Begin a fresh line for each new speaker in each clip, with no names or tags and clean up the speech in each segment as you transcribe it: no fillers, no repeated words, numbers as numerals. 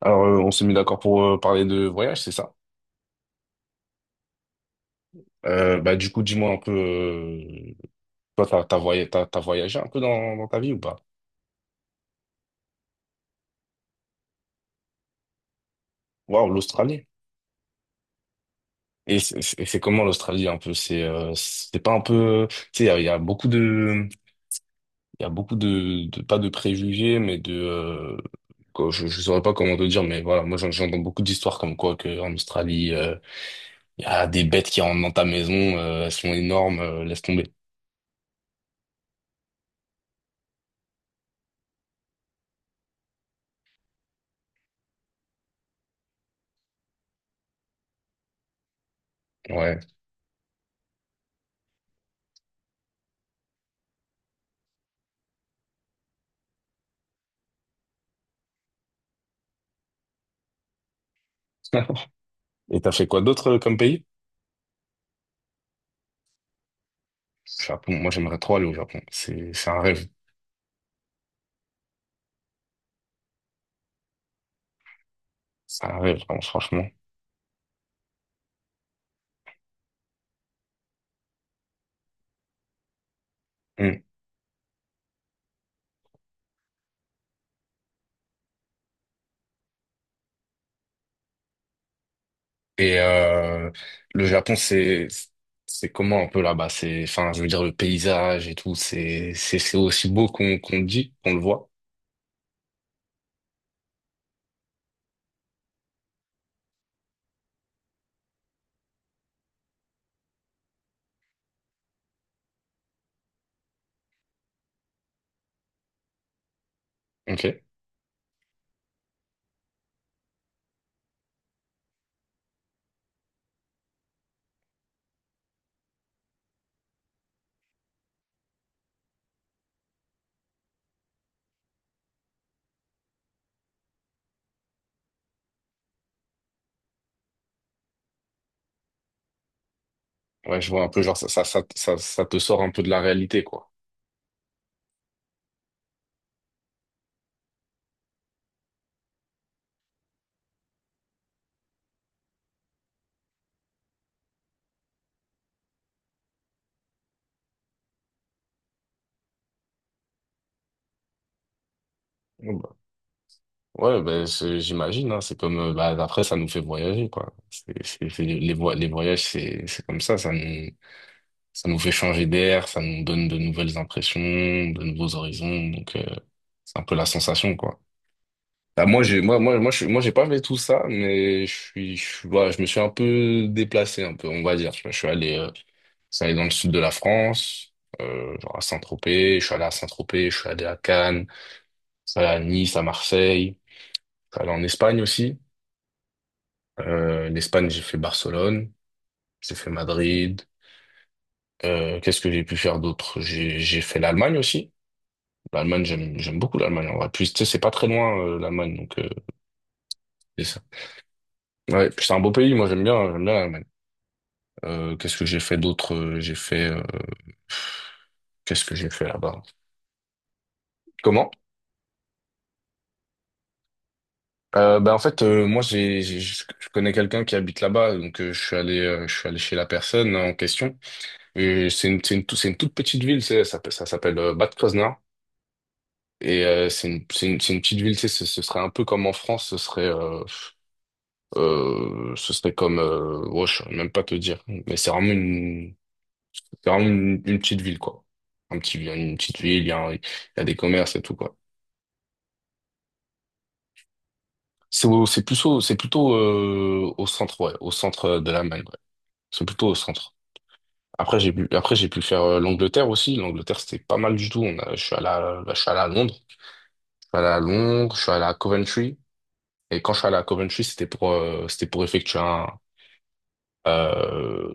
Alors, on s'est mis d'accord pour parler de voyage, c'est ça? Bah, du coup, dis-moi un peu, toi, t'as voyagé, t'as voyagé un peu dans ta vie ou pas? Waouh, l'Australie. Et c'est comment l'Australie un peu? C'est pas un peu, tu sais, il y a beaucoup de, il y a beaucoup de- pas de préjugés, mais de, quoi, je saurais pas comment te dire, mais voilà, moi j'entends beaucoup d'histoires comme quoi que en Australie, il y a des bêtes qui rentrent dans ta maison, elles sont énormes, laisse tomber. Ouais. Et t'as fait quoi d'autre comme pays? Japon, moi j'aimerais trop aller au Japon. C'est un rêve. C'est un rêve, vraiment, franchement. Mm. Et Le Japon, c'est comment un peu là-bas? C'est, enfin, je veux dire, le paysage et tout, c'est aussi beau qu'on le dit, qu'on le voit. Ok. Ouais, je vois un peu, genre, ça te sort un peu de la réalité, quoi. Bon, bah. Ouais, ben, j'imagine, hein, c'est comme, bah, après, ça nous fait voyager, quoi. Les voyages, c'est comme ça nous, ça nous fait changer d'air, ça nous donne de nouvelles impressions, de nouveaux horizons. Donc, c'est un peu la sensation, quoi. Bah, moi, j'ai, moi, moi, moi, moi, j'ai pas fait tout ça, mais voilà, je me suis un peu déplacé, un peu, on va dire. Tu vois, je suis allé dans le sud de la France, genre à Saint-Tropez. Je suis allé à Saint-Tropez, je suis allé à Cannes, je suis allé à Nice, à Marseille. Je suis allé en Espagne aussi. L'Espagne, j'ai fait Barcelone, j'ai fait Madrid. Qu'est-ce que j'ai pu faire d'autre? J'ai fait l'Allemagne aussi. L'Allemagne, j'aime beaucoup l'Allemagne en vrai. Puis, tu sais, c'est pas très loin, l'Allemagne, donc c'est ça. Ouais, puis c'est un beau pays, moi j'aime bien l'Allemagne. Qu'est-ce que j'ai fait d'autre? Qu'est-ce que j'ai fait là-bas? Comment? Bah en fait moi je connais quelqu'un qui habite là-bas donc je suis allé chez la personne en question et c'est une toute petite ville c'est ça, ça s'appelle Bad Kreuznach et c'est une petite ville tu sais ce serait un peu comme en France ce serait comme, ouais, je saurais même pas te dire, mais c'est vraiment une petite ville, quoi. Une petite ville, il y a des commerces et tout, quoi. C'est plutôt, au centre, ouais, au centre de l'Allemagne, ouais. C'est plutôt au centre. Après, j'ai pu faire l'Angleterre aussi. L'Angleterre, c'était pas mal du tout. On a, je suis allé à, je suis allé à Londres. Je suis allé à Londres, je suis allé à Coventry. Et quand je suis allé à Coventry, c'était pour effectuer euh,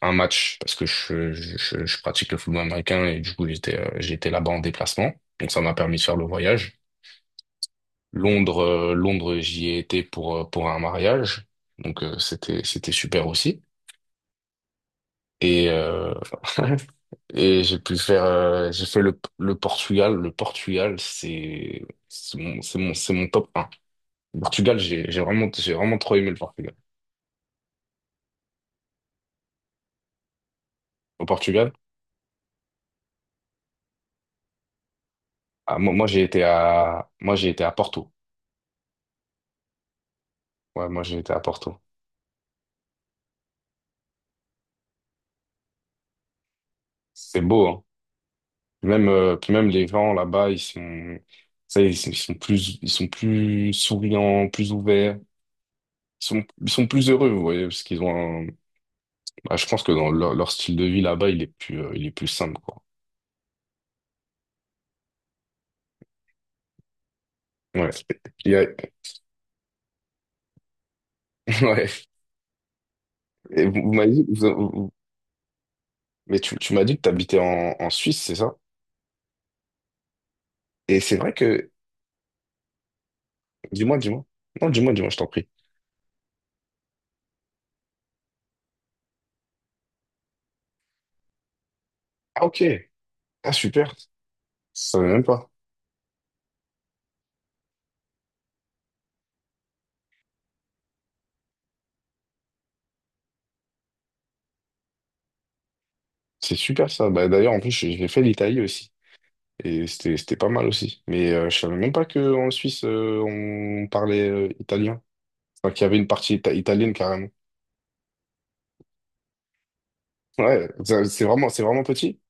un match parce que je pratique le football américain et du coup j'étais là-bas en déplacement. Donc ça m'a permis de faire le voyage. Londres, j'y ai été pour un mariage. Donc c'était super aussi. Et et j'ai pu faire j'ai fait le Portugal. Le Portugal c'est mon top un. Le Portugal j'ai vraiment trop aimé le Portugal. Au Portugal, ah, moi j'ai été à Porto. Ouais, moi j'ai été à Porto. C'est beau, hein. Même, puis même les gens là-bas, ils sont plus souriants, plus ouverts. Ils sont plus heureux, vous voyez, parce qu'ils ont un- ah, je pense que dans leur style de vie là-bas, il est plus simple, quoi. Ouais. Il y a- ouais. Et vous, vous m'avez dit, mais tu m'as dit que t'habitais en Suisse, c'est ça? Et c'est vrai que, dis-moi, dis-moi. Non, dis-moi, dis-moi, je t'en prie. Ah, ok. Ah, super. Ça savais même pas. C'est super, ça. Bah, d'ailleurs, en plus, j'ai fait l'Italie aussi. Et c'était pas mal aussi. Mais je savais même pas qu'en Suisse, on parlait italien. Enfin, qu'il y avait une partie italienne carrément. Ouais, c'est vraiment petit.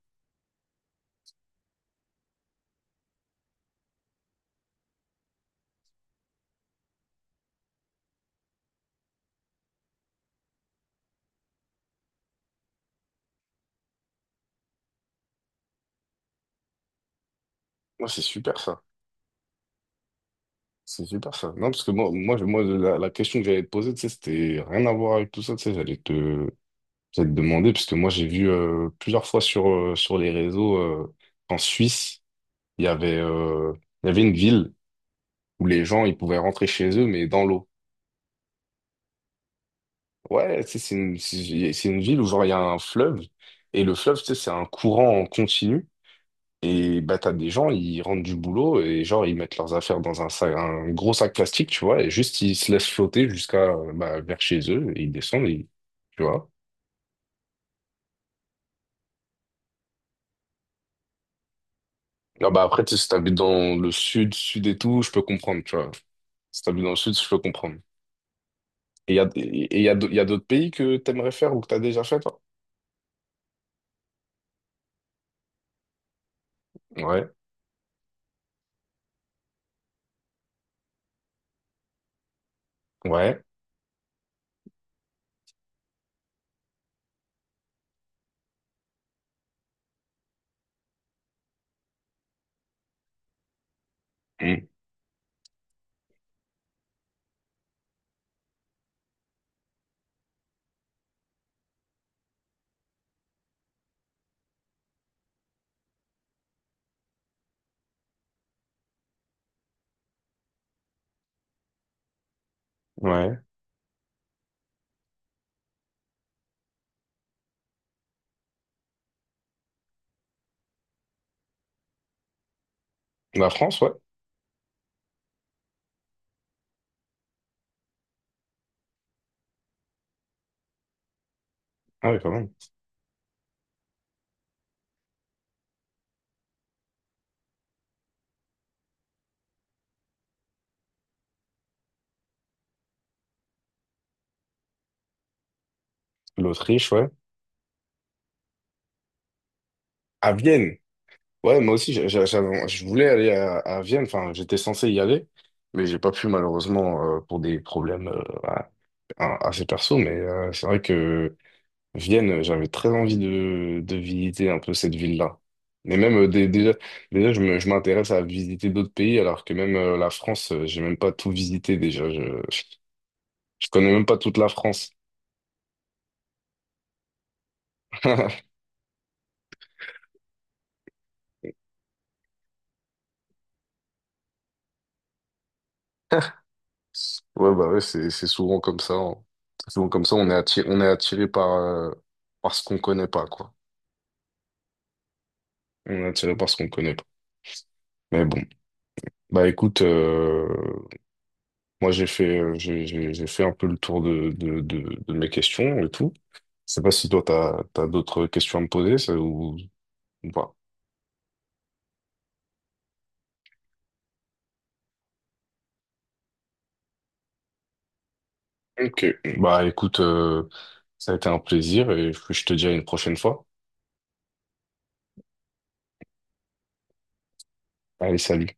Moi, c'est super ça. C'est super ça. Non, parce que moi la question que j'allais te poser, tu sais, c'était rien à voir avec tout ça. Tu sais, j'allais te demander, parce que moi, j'ai vu plusieurs fois sur les réseaux en Suisse, il y avait, euh, il y avait une ville où les gens, ils pouvaient rentrer chez eux, mais dans l'eau. Ouais, tu sais, c'est une ville où genre il y a un fleuve et le fleuve, tu sais, c'est un courant en continu et bah t'as des gens, ils rentrent du boulot et genre ils mettent leurs affaires dans un sac, un gros sac plastique, tu vois, et juste ils se laissent flotter jusqu'à bah, vers chez eux et ils descendent, et, tu vois. Ah bah après, tu sais, si t'habites dans le sud, sud et tout, je peux comprendre, tu vois. Si t'habites dans le sud, je peux comprendre. Et il y a, et il y a, d'au- il y a d'autres pays que t'aimerais faire ou que t'as déjà fait, toi? Ouais, ouais, hmm, ouais. La France, ouais. Ah oui, quand même. L'Autriche, ouais. À Vienne. Ouais, moi aussi, je voulais aller à Vienne. Enfin, j'étais censé y aller, mais j'ai pas pu malheureusement pour des problèmes assez perso. Mais c'est vrai que Vienne, j'avais très envie de visiter un peu cette ville-là. Mais même déjà, je m'intéresse à visiter d'autres pays, alors que même la France, j'ai même pas tout visité déjà. Je connais même pas toute la France. Ouais, bah ouais, c'est souvent comme ça, hein. C'est souvent comme ça, on est attiré par ce qu'on connaît pas, quoi. On est attiré par ce qu'on connaît pas. Mais bon, bah écoute, moi j'ai fait un peu le tour de mes questions et tout. Je sais pas si toi t'as d'autres questions à me poser ça, ou pas. Ok. Bah écoute, ça a été un plaisir et je te dis à une prochaine fois. Allez, salut.